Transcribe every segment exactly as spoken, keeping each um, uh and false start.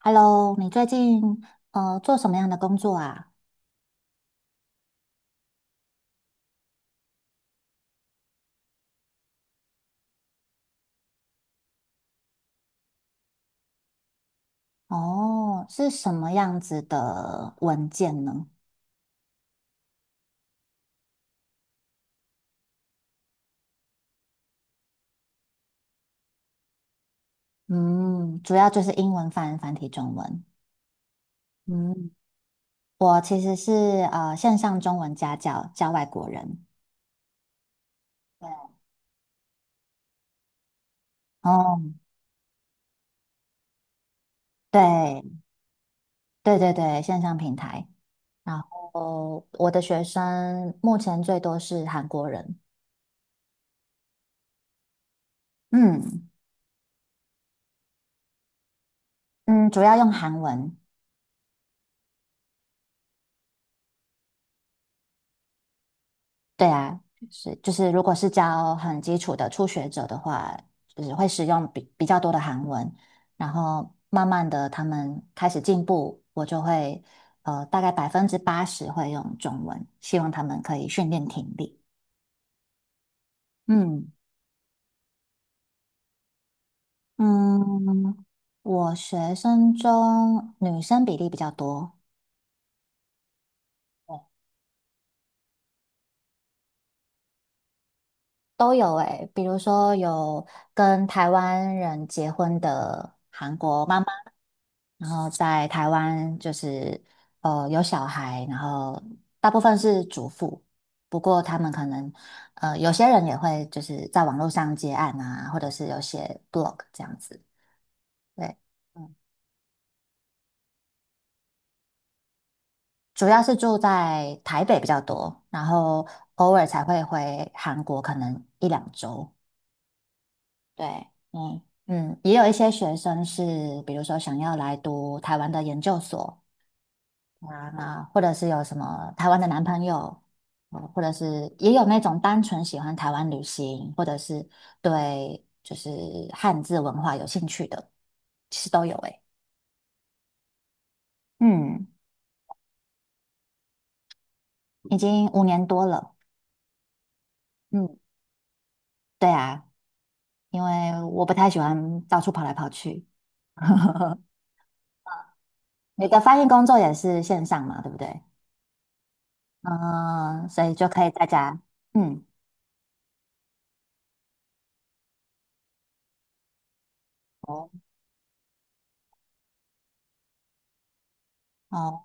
Hello，你最近呃做什么样的工作啊？哦，是什么样子的文件呢？嗯，主要就是英文翻繁体中文。嗯，我其实是呃线上中文家教，教外国人。对，哦，对对对对，线上平台。然后我的学生目前最多是韩国人。嗯嗯，主要用韩文。对啊，是就是如果是教很基础的初学者的话，就是会使用比比较多的韩文，然后慢慢的他们开始进步，我就会呃大概百分之八十会用中文，希望他们可以训练听力。嗯嗯，我学生中女生比例比较多，都有诶，比如说有跟台湾人结婚的韩国妈妈，然后在台湾就是呃有小孩，然后大部分是主妇，不过他们可能呃有些人也会就是在网络上接案啊，或者是有写 blog 这样子。对，嗯，主要是住在台北比较多，然后偶尔才会回韩国，可能一两周。对，嗯嗯，也有一些学生是，比如说想要来读台湾的研究所啊，或者是有什么台湾的男朋友，呃或者是也有那种单纯喜欢台湾旅行，或者是对就是汉字文化有兴趣的，其实都有诶。嗯，已经五年多了。嗯，对啊，因为我不太喜欢到处跑来跑去。你的翻译工作也是线上嘛，对不对？嗯，所以就可以大家，嗯，哦，哦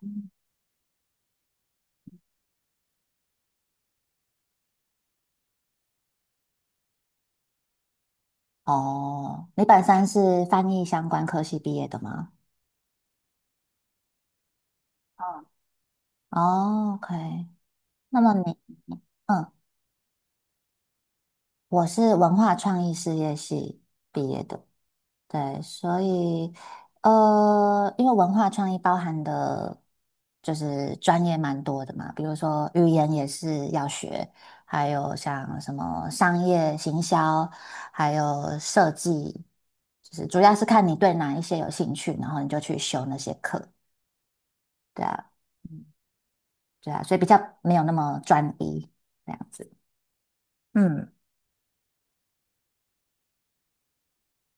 哦，你本身是翻译相关科系毕业的吗？嗯，哦，OK，那么你，嗯，我是文化创意事业系毕业的。对，所以呃，因为文化创意包含的，就是专业蛮多的嘛，比如说语言也是要学，还有像什么商业行销，还有设计，就是主要是看你对哪一些有兴趣，然后你就去修那些课，对啊，嗯，对啊，所以比较没有那么专一这样子，嗯。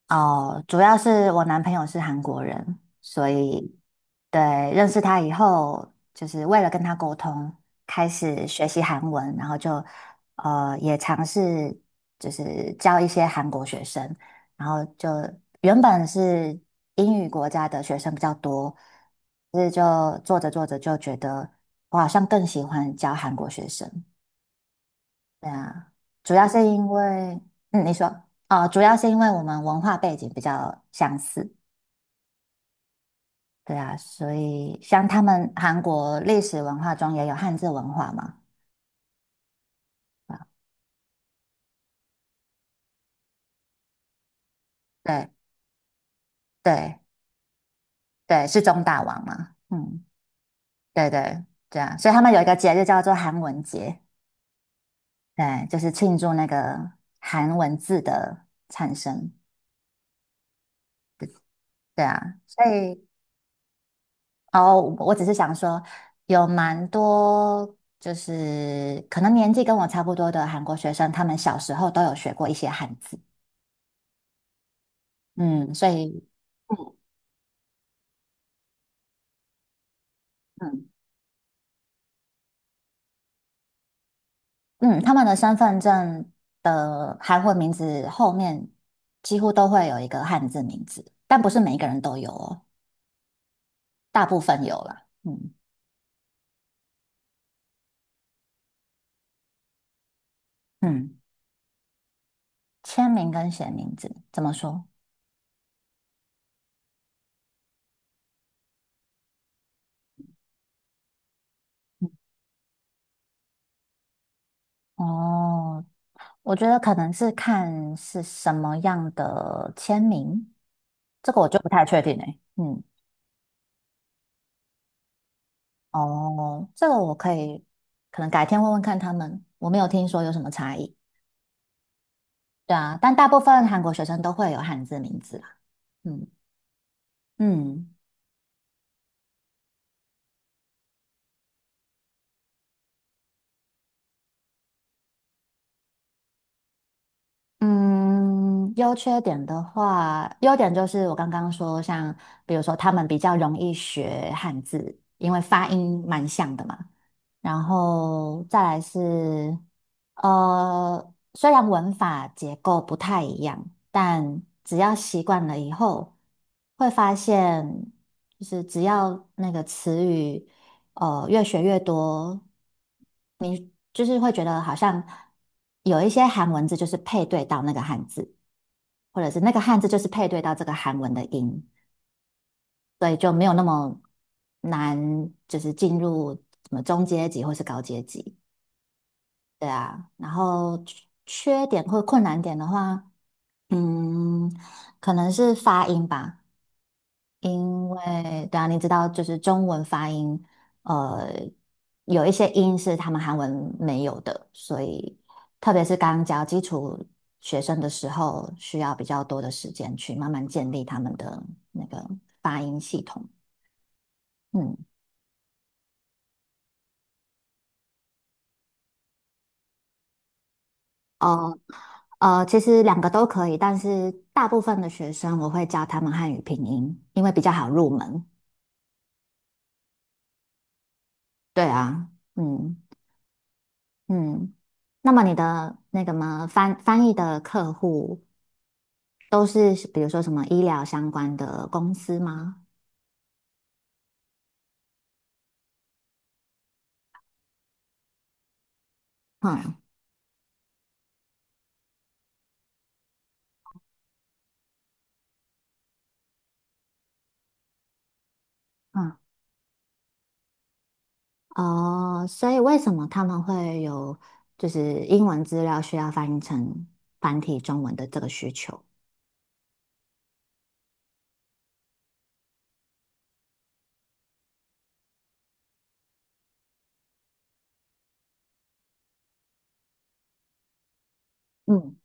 哦，主要是我男朋友是韩国人，所以对，认识他以后，就是为了跟他沟通，开始学习韩文，然后就呃也尝试就是教一些韩国学生，然后就原本是英语国家的学生比较多，所以就做着做着就觉得我好像更喜欢教韩国学生，对啊，主要是因为，嗯，你说，哦，主要是因为我们文化背景比较相似，对啊，所以像他们韩国历史文化中也有汉字文化嘛，啊，对对对，是中大王嘛，嗯，对对对啊，所以他们有一个节日叫做韩文节，对，就是庆祝那个韩文字的产生，对啊，所以哦，我只是想说，有蛮多就是可能年纪跟我差不多的韩国学生，他们小时候都有学过一些汉字，嗯，所以嗯嗯，他们的身份证的韩文名字后面几乎都会有一个汉字名字，但不是每一个人都有哦，大部分有啦，嗯嗯，签名跟写名字怎么说？嗯哦，我觉得可能是看是什么样的签名，这个我就不太确定诶。嗯，哦，这个我可以，可能改天问问看他们，我没有听说有什么差异。对啊，但大部分韩国学生都会有汉字名字啦。嗯嗯。嗯，优缺点的话，优点就是我刚刚说，像比如说他们比较容易学汉字，因为发音蛮像的嘛。然后再来是，呃，虽然文法结构不太一样，但只要习惯了以后，会发现就是只要那个词语。呃越学越多，你就是会觉得好像有一些韩文字就是配对到那个汉字，或者是那个汉字就是配对到这个韩文的音，所以就没有那么难，就是进入什么中阶级或是高阶级。对啊，然后缺缺点或困难点的话，嗯，可能是发音吧。因为对啊，你知道，就是中文发音，呃，有一些音是他们韩文没有的，所以特别是刚教基础学生的时候，需要比较多的时间去慢慢建立他们的那个发音系统。嗯，呃呃，其实两个都可以，但是大部分的学生我会教他们汉语拼音，因为比较好入门。对啊，嗯嗯。那么你的那个嘛，翻翻译的客户。都是比如说什么医疗相关的公司吗？嗯嗯哦，所以为什么他们会有就是英文资料需要翻译成繁体中文的这个需求？嗯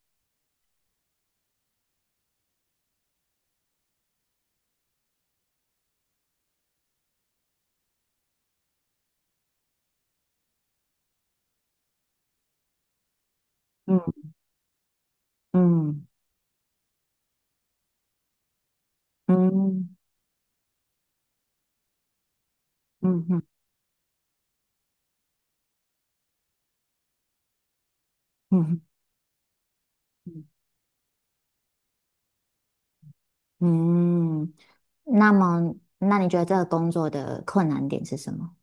嗯嗯嗯嗯嗯嗯嗯嗯。那么，那你觉得这个工作的困难点是什么？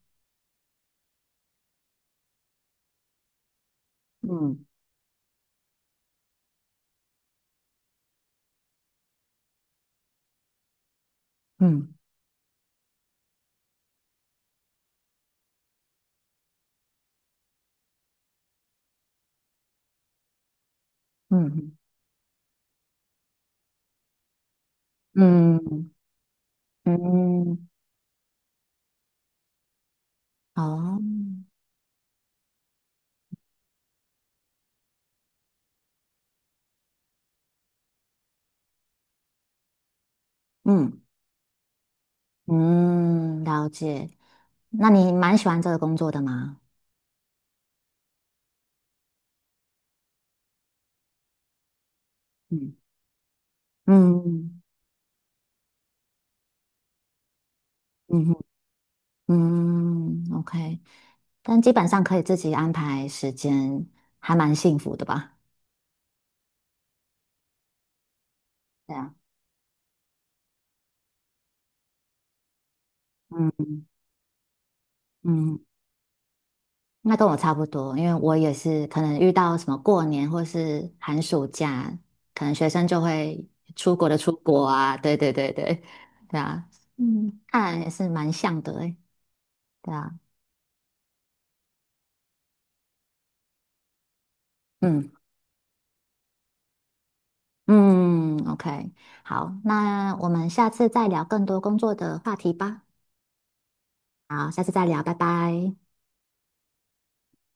嗯嗯嗯嗯嗯嗯哦嗯嗯，了解。那你蛮喜欢这个工作的吗？嗯嗯嗯哼嗯，OK。但基本上可以自己安排时间，还蛮幸福的吧？对啊，嗯嗯，那跟我差不多，因为我也是可能遇到什么过年或是寒暑假，可能学生就会出国的出国啊，对对对对，对啊，嗯，看来也是蛮像的诶，对啊，嗯。嗯，OK，好，那我们下次再聊更多工作的话题吧。好，下次再聊，拜拜。